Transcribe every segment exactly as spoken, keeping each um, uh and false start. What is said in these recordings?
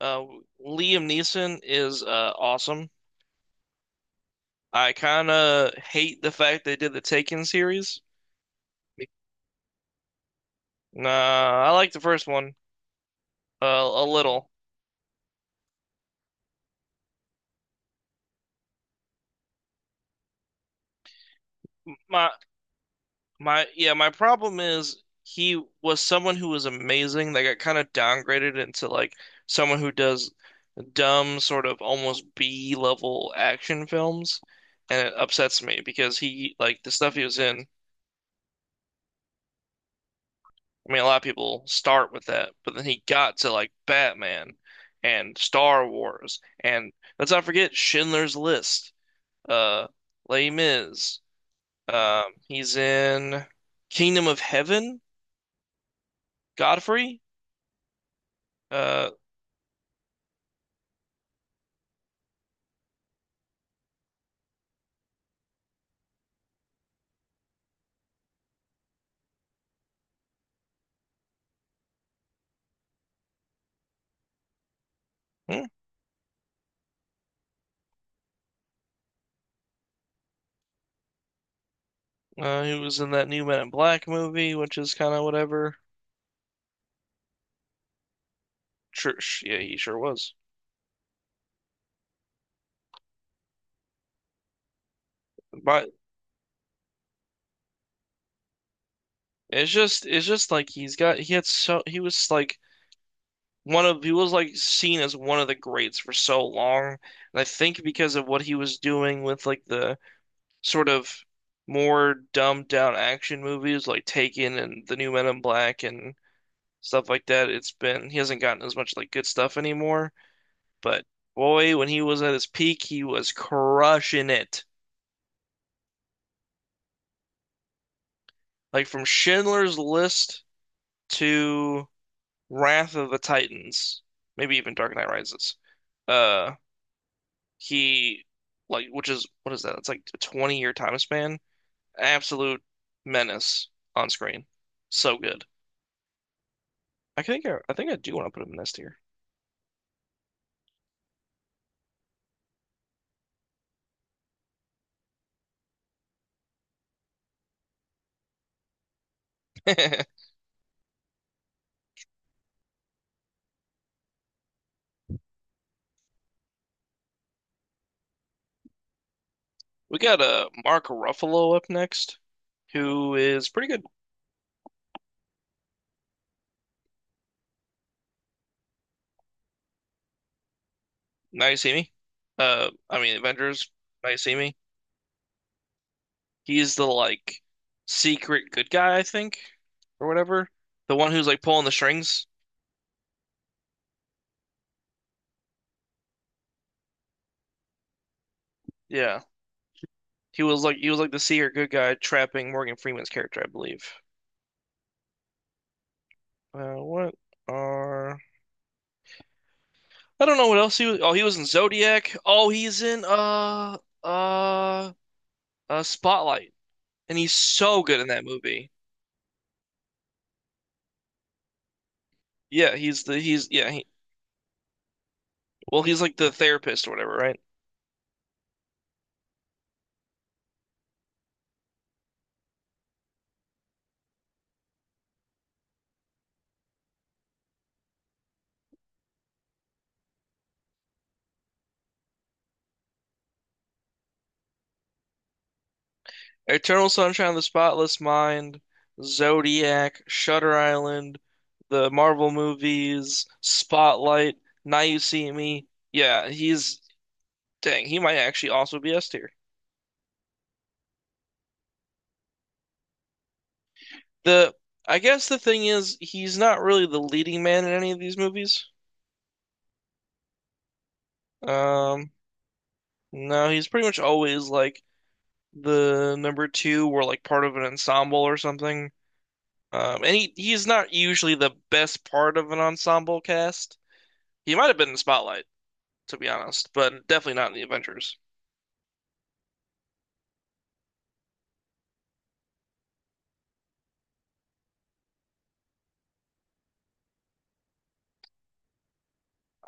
Uh, Liam Neeson is uh, awesome. I kind of hate the fact they did the Taken series. Nah, I like the first one uh, a little. My my yeah, my problem is he was someone who was amazing. They got kind of downgraded into like someone who does dumb sort of almost B level action films, and it upsets me because he like the stuff he was in. I mean, a lot of people start with that, but then he got to like Batman and Star Wars, and let's not forget Schindler's List, uh, Les Mis. Um, he's in Kingdom of Heaven, Godfrey. Uh, hmm, uh, he was in that new Men in Black movie, which is kind of whatever. Sure, sh- yeah, he sure was. But it's just, it's just like he's got, he had so, he was like one of he was like seen as one of the greats for so long. And I think because of what he was doing with like the sort of more dumbed down action movies like Taken and The New Men in Black and stuff like that, it's been he hasn't gotten as much like good stuff anymore. But boy, when he was at his peak, he was crushing it. Like from Schindler's List to Wrath of the Titans, maybe even Dark Knight Rises. Uh He like, which is what is that? It's like a twenty year time span. Absolute menace on screen. So good. I think I, I think I do want to put him in this tier. We got uh Mark Ruffalo up next, who is pretty good. Now you see me. Uh I mean Avengers, now you see me. He's the like secret good guy, I think, or whatever. The one who's like pulling the strings. Yeah. He was like he was like the secret good guy trapping Morgan Freeman's character, I believe. Uh, what are I don't know what else he was. Oh, he was in Zodiac. Oh, he's in uh uh uh Spotlight, and he's so good in that movie. Yeah, he's the he's yeah he well He's like the therapist or whatever, right? Eternal Sunshine of the Spotless Mind, Zodiac, Shutter Island, the Marvel movies, Spotlight, Now You See Me. Yeah, he's Dang. He might actually also be S tier. The I guess the thing is he's not really the leading man in any of these movies. Um, no, he's pretty much always like the number two or like part of an ensemble or something. Um, and he, he's not usually the best part of an ensemble cast. He might have been in Spotlight, to be honest, but definitely not in the Avengers.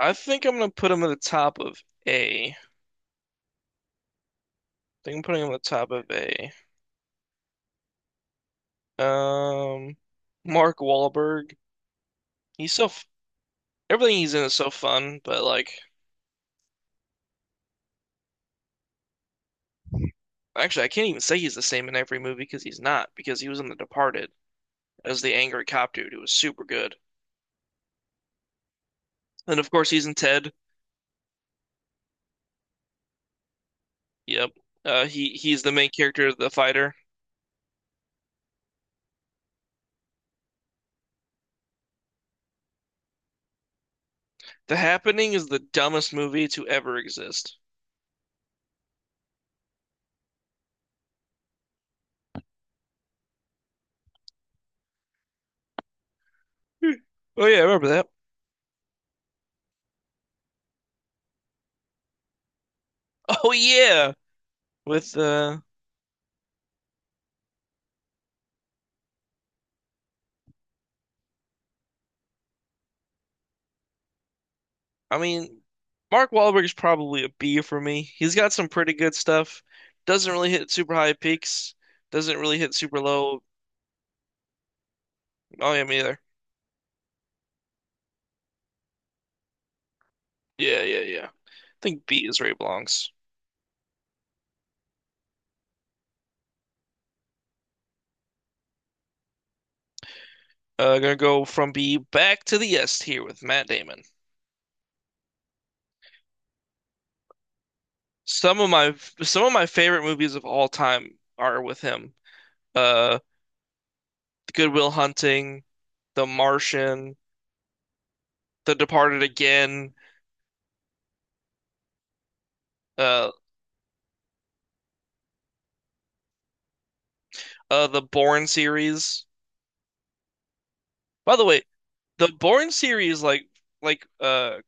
I think I'm gonna put him at the top of A. I think I'm putting him at the top of A. Um, Mark Wahlberg. He's so f Everything he's in is so fun, but like, actually, I can't even say he's the same in every movie because he's not, because he was in The Departed as the angry cop dude who was super good. And of course, he's in Ted. Yep. Uh, he he's the main character, the fighter. The Happening is the dumbest movie to ever exist. Hmm. Oh yeah, I remember that. Oh yeah, with uh, I mean, Mark Wahlberg's probably a B for me. He's got some pretty good stuff. Doesn't really hit super high peaks. Doesn't really hit super low. Oh yeah, me either. Yeah, yeah, yeah. I think B is where he belongs. Uh, gonna go from B back to the S here with Matt Damon. Some of my some of my favorite movies of all time are with him. Uh, Goodwill Hunting, The Martian, The Departed again, uh, uh, the Bourne series. By the way, the Bourne series, like like uh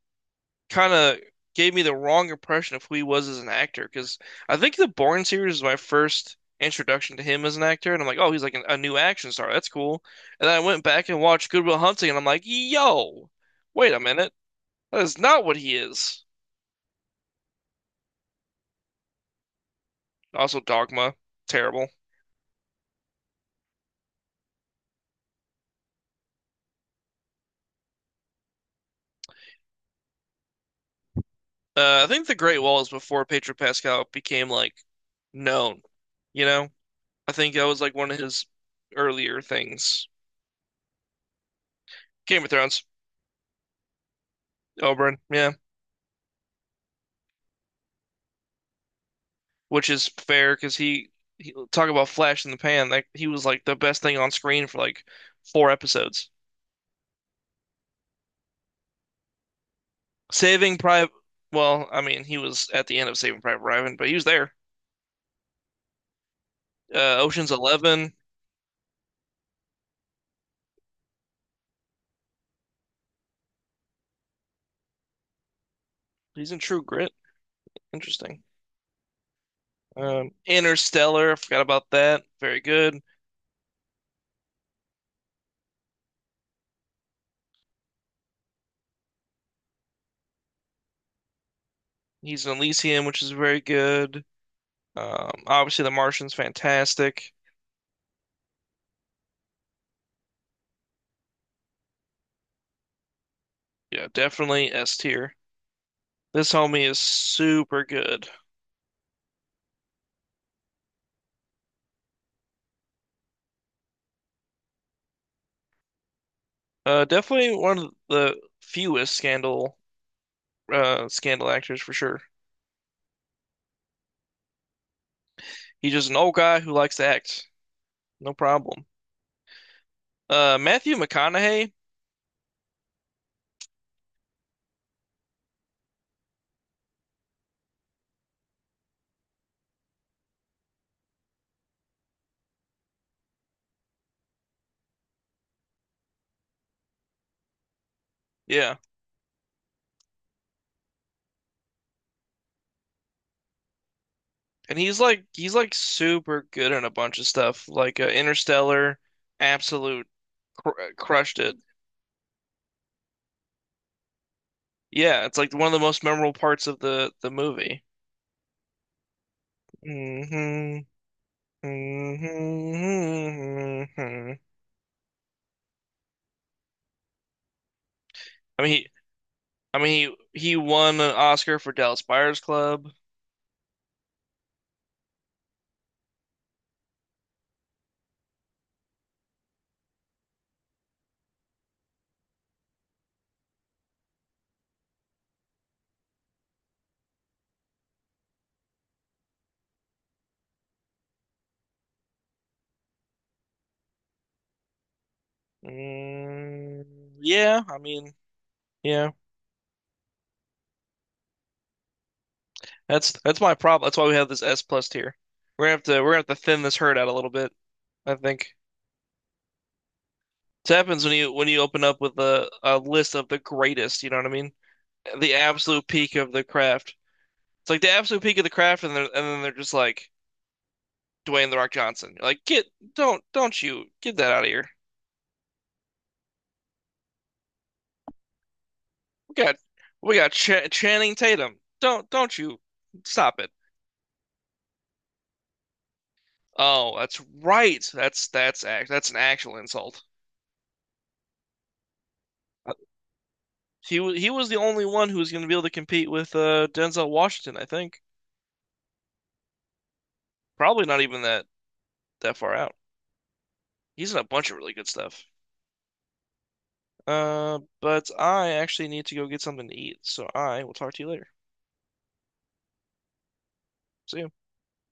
kind of gave me the wrong impression of who he was as an actor because I think the Bourne series was my first introduction to him as an actor, and I'm like, oh, he's like an, a new action star. That's cool. And then I went back and watched Good Will Hunting, and I'm like, yo, wait a minute, that is not what he is. Also, Dogma, terrible. Uh, I think The Great Wall is before Pedro Pascal became like known. You know, I think that was like one of his earlier things. Game of Thrones, Oberyn, yeah. Which is fair because he, he talk about flash in the pan. Like he was like the best thing on screen for like four episodes. Saving Private. Well, I mean, he was at the end of Saving Private Ryan, but he was there. Uh, Ocean's eleven. He's in True Grit. Interesting. Um, Interstellar. I forgot about that. Very good. He's in Elysium, which is very good. Um, obviously, The Martian's fantastic. Yeah, definitely S tier. This homie is super good. Uh, definitely one of the fewest scandal uh, scandal actors for sure. He's just an old guy who likes to act. No problem. Uh, Matthew McConaughey, yeah, and he's like he's like super good in a bunch of stuff, like uh, Interstellar, absolute cr crushed it. Yeah, it's like one of the most memorable parts of the the movie. hmm hmm I mean, he, I mean, he he won an Oscar for Dallas Buyers Club. Mm, yeah, I mean, yeah. That's that's my problem. That's why we have this S plus tier. We're gonna have to we're gonna have to thin this herd out a little bit, I think. It happens when you when you open up with a, a list of the greatest, you know what I mean? The absolute peak of the craft. It's like the absolute peak of the craft and then and then they're just like Dwayne The Rock Johnson. You're like, get don't don't you get that out of here. We got we got Ch Channing Tatum. Don't don't you stop it. Oh, that's right. That's that's act that's an actual insult. He he was the only one who was going to be able to compete with uh, Denzel Washington, I think. Probably not even that That far out. He's in a bunch of really good stuff. Uh, but I actually need to go get something to eat, so I will talk to you later. See you.